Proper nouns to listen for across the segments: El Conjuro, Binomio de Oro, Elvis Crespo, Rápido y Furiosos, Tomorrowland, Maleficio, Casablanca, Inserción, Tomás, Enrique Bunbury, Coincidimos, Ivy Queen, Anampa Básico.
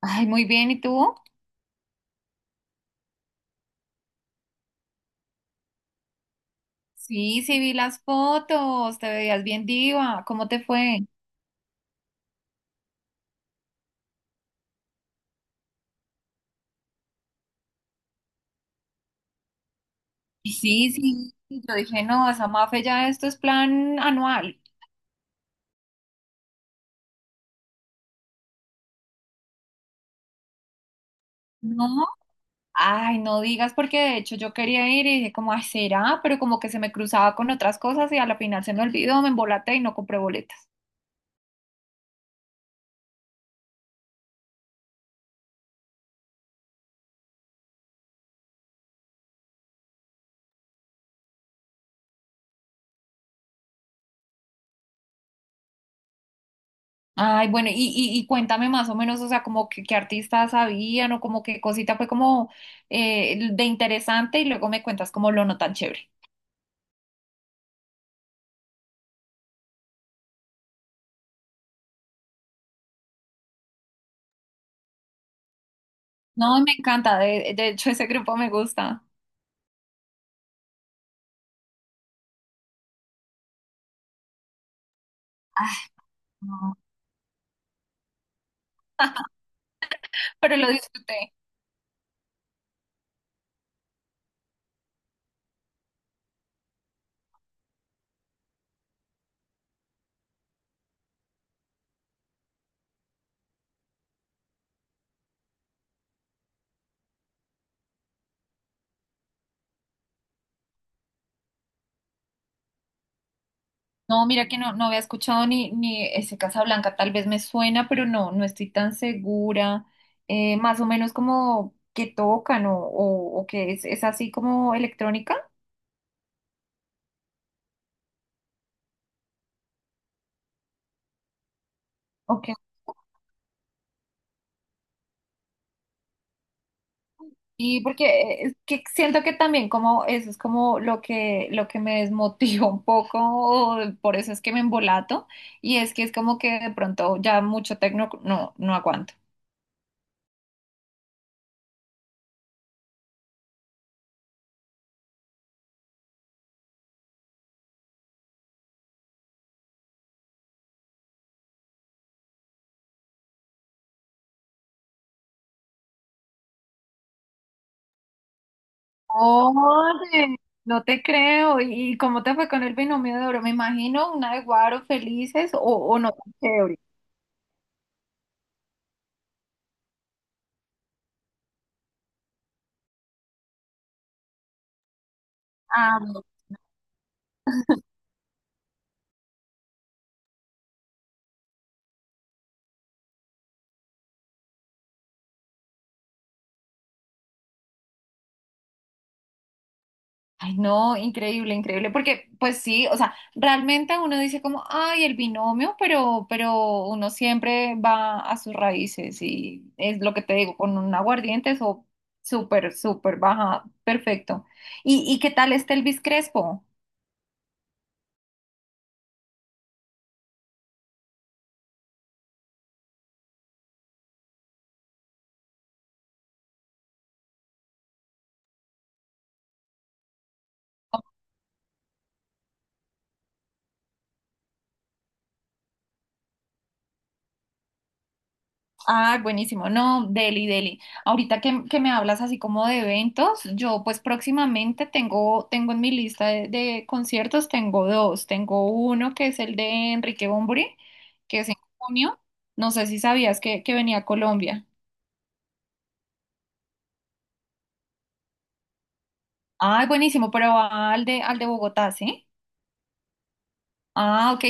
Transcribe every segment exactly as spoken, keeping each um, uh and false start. Ay, muy bien, ¿y tú? Sí, sí, vi las fotos, te veías bien diva, ¿cómo te fue? Sí, sí. Yo dije, no, esa Mafe ya esto es plan anual. No, ay, no digas, porque de hecho yo quería ir y dije, como, ay, será, pero como que se me cruzaba con otras cosas y a la final se me olvidó, me embolaté y no compré boletas. Ay, bueno, y, y, y cuéntame más o menos, o sea, como que qué artistas habían o como qué cosita fue como eh, de interesante y luego me cuentas como lo no tan chévere. No, me encanta, de, de hecho ese grupo me gusta. Ay, no. Pero lo disfruté. No, mira que no, no había escuchado ni, ni ese Casablanca, tal vez me suena, pero no, no estoy tan segura. Eh, más o menos como que tocan o, o, o que es, es así como electrónica. Okay. Y porque eh, es que siento que también como eso es como lo que, lo que me desmotiva un poco, o por eso es que me embolato, y es que es como que de pronto ya mucho tecno no, no aguanto. Oye, no te creo. ¿Y cómo te fue con el Binomio de Oro? Me imagino una de Guaro felices o, o no tan chévere. Ah, no, ay, no, increíble, increíble. Porque, pues sí, o sea, realmente uno dice como, ay, el binomio, pero, pero uno siempre va a sus raíces y es lo que te digo, con un aguardiente, eso súper, súper baja, perfecto. ¿Y, y qué tal está Elvis Crespo? Ah, buenísimo. No, deli, deli. Ahorita que, que me hablas así como de eventos, yo pues próximamente tengo, tengo en mi lista de, de conciertos, tengo dos. Tengo uno que es el de Enrique Bunbury, que es en junio. No sé si sabías que, que venía a Colombia. Ah, buenísimo, pero va al de, al de Bogotá, ¿sí? Ah, ok.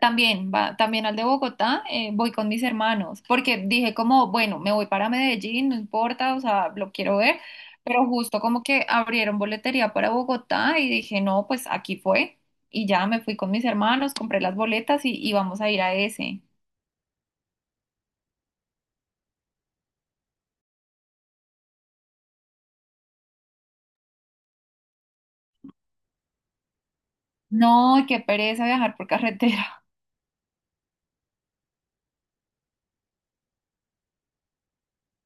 También, va, también al de Bogotá, eh, voy con mis hermanos, porque dije como, bueno, me voy para Medellín, no importa, o sea, lo quiero ver, pero justo como que abrieron boletería para Bogotá y dije, no, pues aquí fue, y ya me fui con mis hermanos, compré las boletas y, y vamos a ir a ese. No, qué pereza viajar por carretera,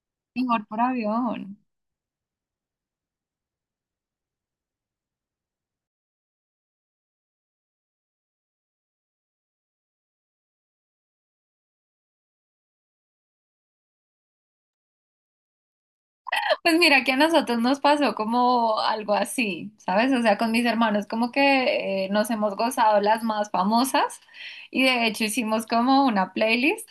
mejor por avión. Pues mira que a nosotros nos pasó como algo así, ¿sabes? O sea, con mis hermanos como que eh, nos hemos gozado las más famosas y de hecho hicimos como una playlist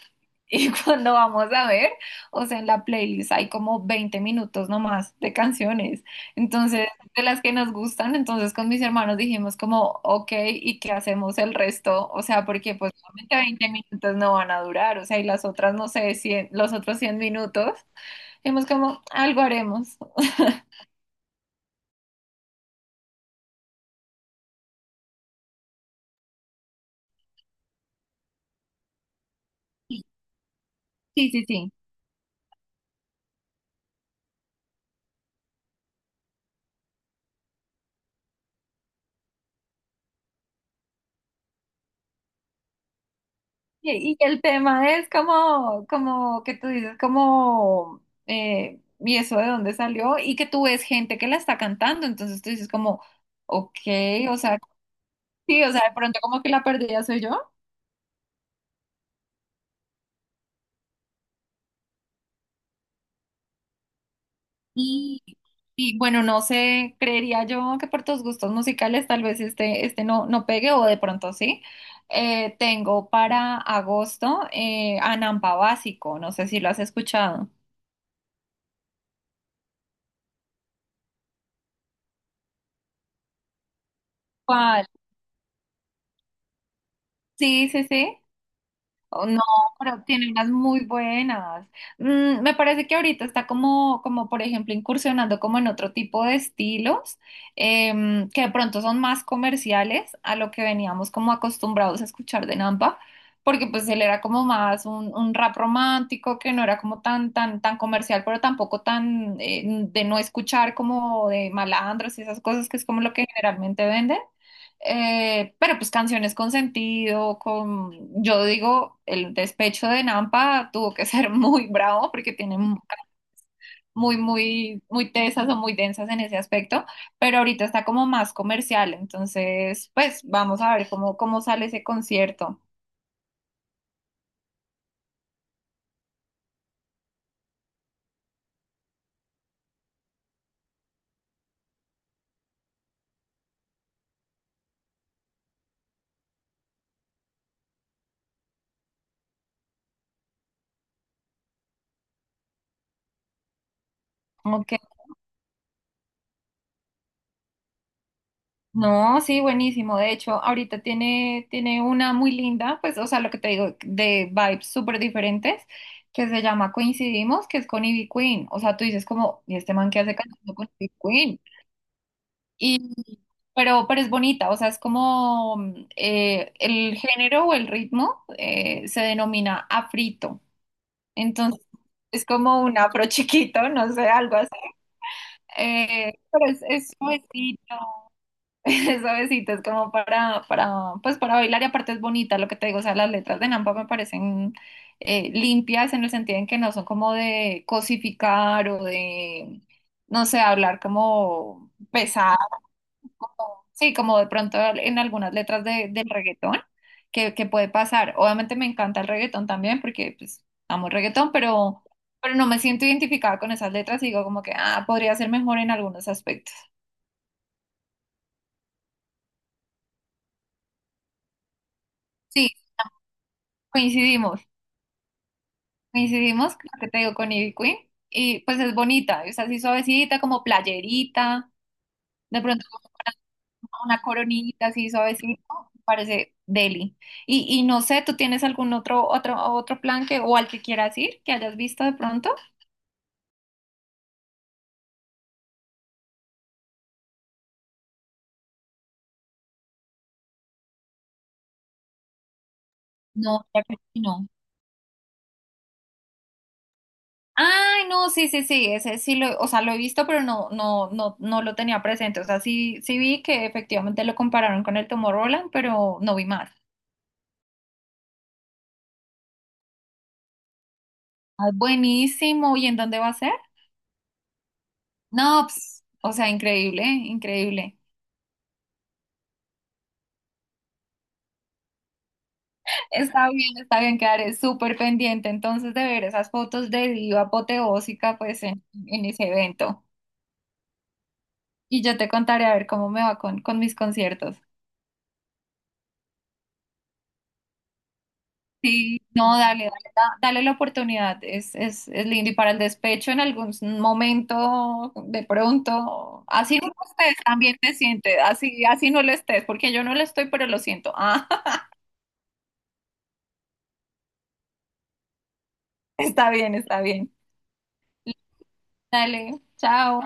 y cuando vamos a ver, o sea, en la playlist hay como veinte minutos nomás de canciones, entonces de las que nos gustan, entonces con mis hermanos dijimos como, ok, ¿y qué hacemos el resto? O sea, porque pues solamente veinte minutos no van a durar, o sea, y las otras, no sé, cien, los otros cien minutos. Hemos como, algo haremos. Sí, sí, sí, sí. Y, y el tema es como, como que tú dices, como, eh, y eso de dónde salió, y que tú ves gente que la está cantando, entonces tú dices como, ok, o sea, sí, o sea, de pronto como que la perdida soy yo. Y, y bueno, no sé, creería yo que por tus gustos musicales tal vez este, este no, no pegue, o de pronto sí. Eh, tengo para agosto eh, Anampa Básico, no sé si lo has escuchado. Sí, sí, sí. Oh, no, pero tiene unas muy buenas. Mm, me parece que ahorita está como, como, por ejemplo, incursionando como en otro tipo de estilos, em, que de pronto son más comerciales a lo que veníamos como acostumbrados a escuchar de Nampa, porque pues él era como más un, un rap romántico que no era como tan, tan, tan comercial, pero tampoco tan eh, de no escuchar como de malandros y esas cosas que es como lo que generalmente venden. Eh, pero pues canciones con sentido, con, yo digo, el despecho de Nampa tuvo que ser muy bravo porque tiene mu- muy, muy, muy tesas o muy densas en ese aspecto, pero ahorita está como más comercial, entonces pues vamos a ver cómo, cómo sale ese concierto. Ok. No, sí, buenísimo. De hecho, ahorita tiene, tiene una muy linda, pues, o sea, lo que te digo, de vibes súper diferentes, que se llama Coincidimos, que es con Ivy Queen. O sea, tú dices como, ¿y este man que hace cantando con Ivy Queen? Y, pero, pero es bonita, o sea, es como mm, eh, el género o el ritmo eh, se denomina afrito. Entonces, es como un afro chiquito, no sé, algo así. Eh, pero es, es suavecito, es suavecito, es como para, para, pues para bailar y aparte es bonita lo que te digo, o sea, las letras de Nampa me parecen eh, limpias en el sentido en que no son como de cosificar o de, no sé, hablar como pesado, sí, como de pronto en algunas letras de, del reggaetón que, que puede pasar. Obviamente me encanta el reggaetón también porque pues amo el reggaetón, pero, pero no me siento identificada con esas letras y digo como que, ah, podría ser mejor en algunos aspectos. Sí, coincidimos. Coincidimos, lo que te digo, con Ivy Queen. Y pues es bonita, es así suavecita, como playerita, de pronto con una coronita así suavecita, parece deli. Y, y no sé, ¿tú tienes algún otro, otro, otro plan que, o al que quieras ir, que hayas visto de pronto? No, ya creo que no. Ay, no, sí, sí, sí, ese sí lo, o sea, lo he visto, pero no, no, no, no lo tenía presente. O sea, sí, sí vi que efectivamente lo compararon con el Tomorrowland, pero no vi más. Ah, buenísimo, ¿y en dónde va a ser? No, ps, o sea, increíble, increíble. Está bien, está bien, quedaré súper pendiente entonces de ver esas fotos de diva apoteósica pues en, en ese evento. Y yo te contaré a ver cómo me va con, con mis conciertos. Sí, no, dale, dale, da- dale la oportunidad, es, es, es lindo. Y para el despecho en algún momento, de pronto, así no lo estés, también te sientes, así, así no lo estés, porque yo no lo estoy, pero lo siento. Ah, está bien, está bien. Dale, chao.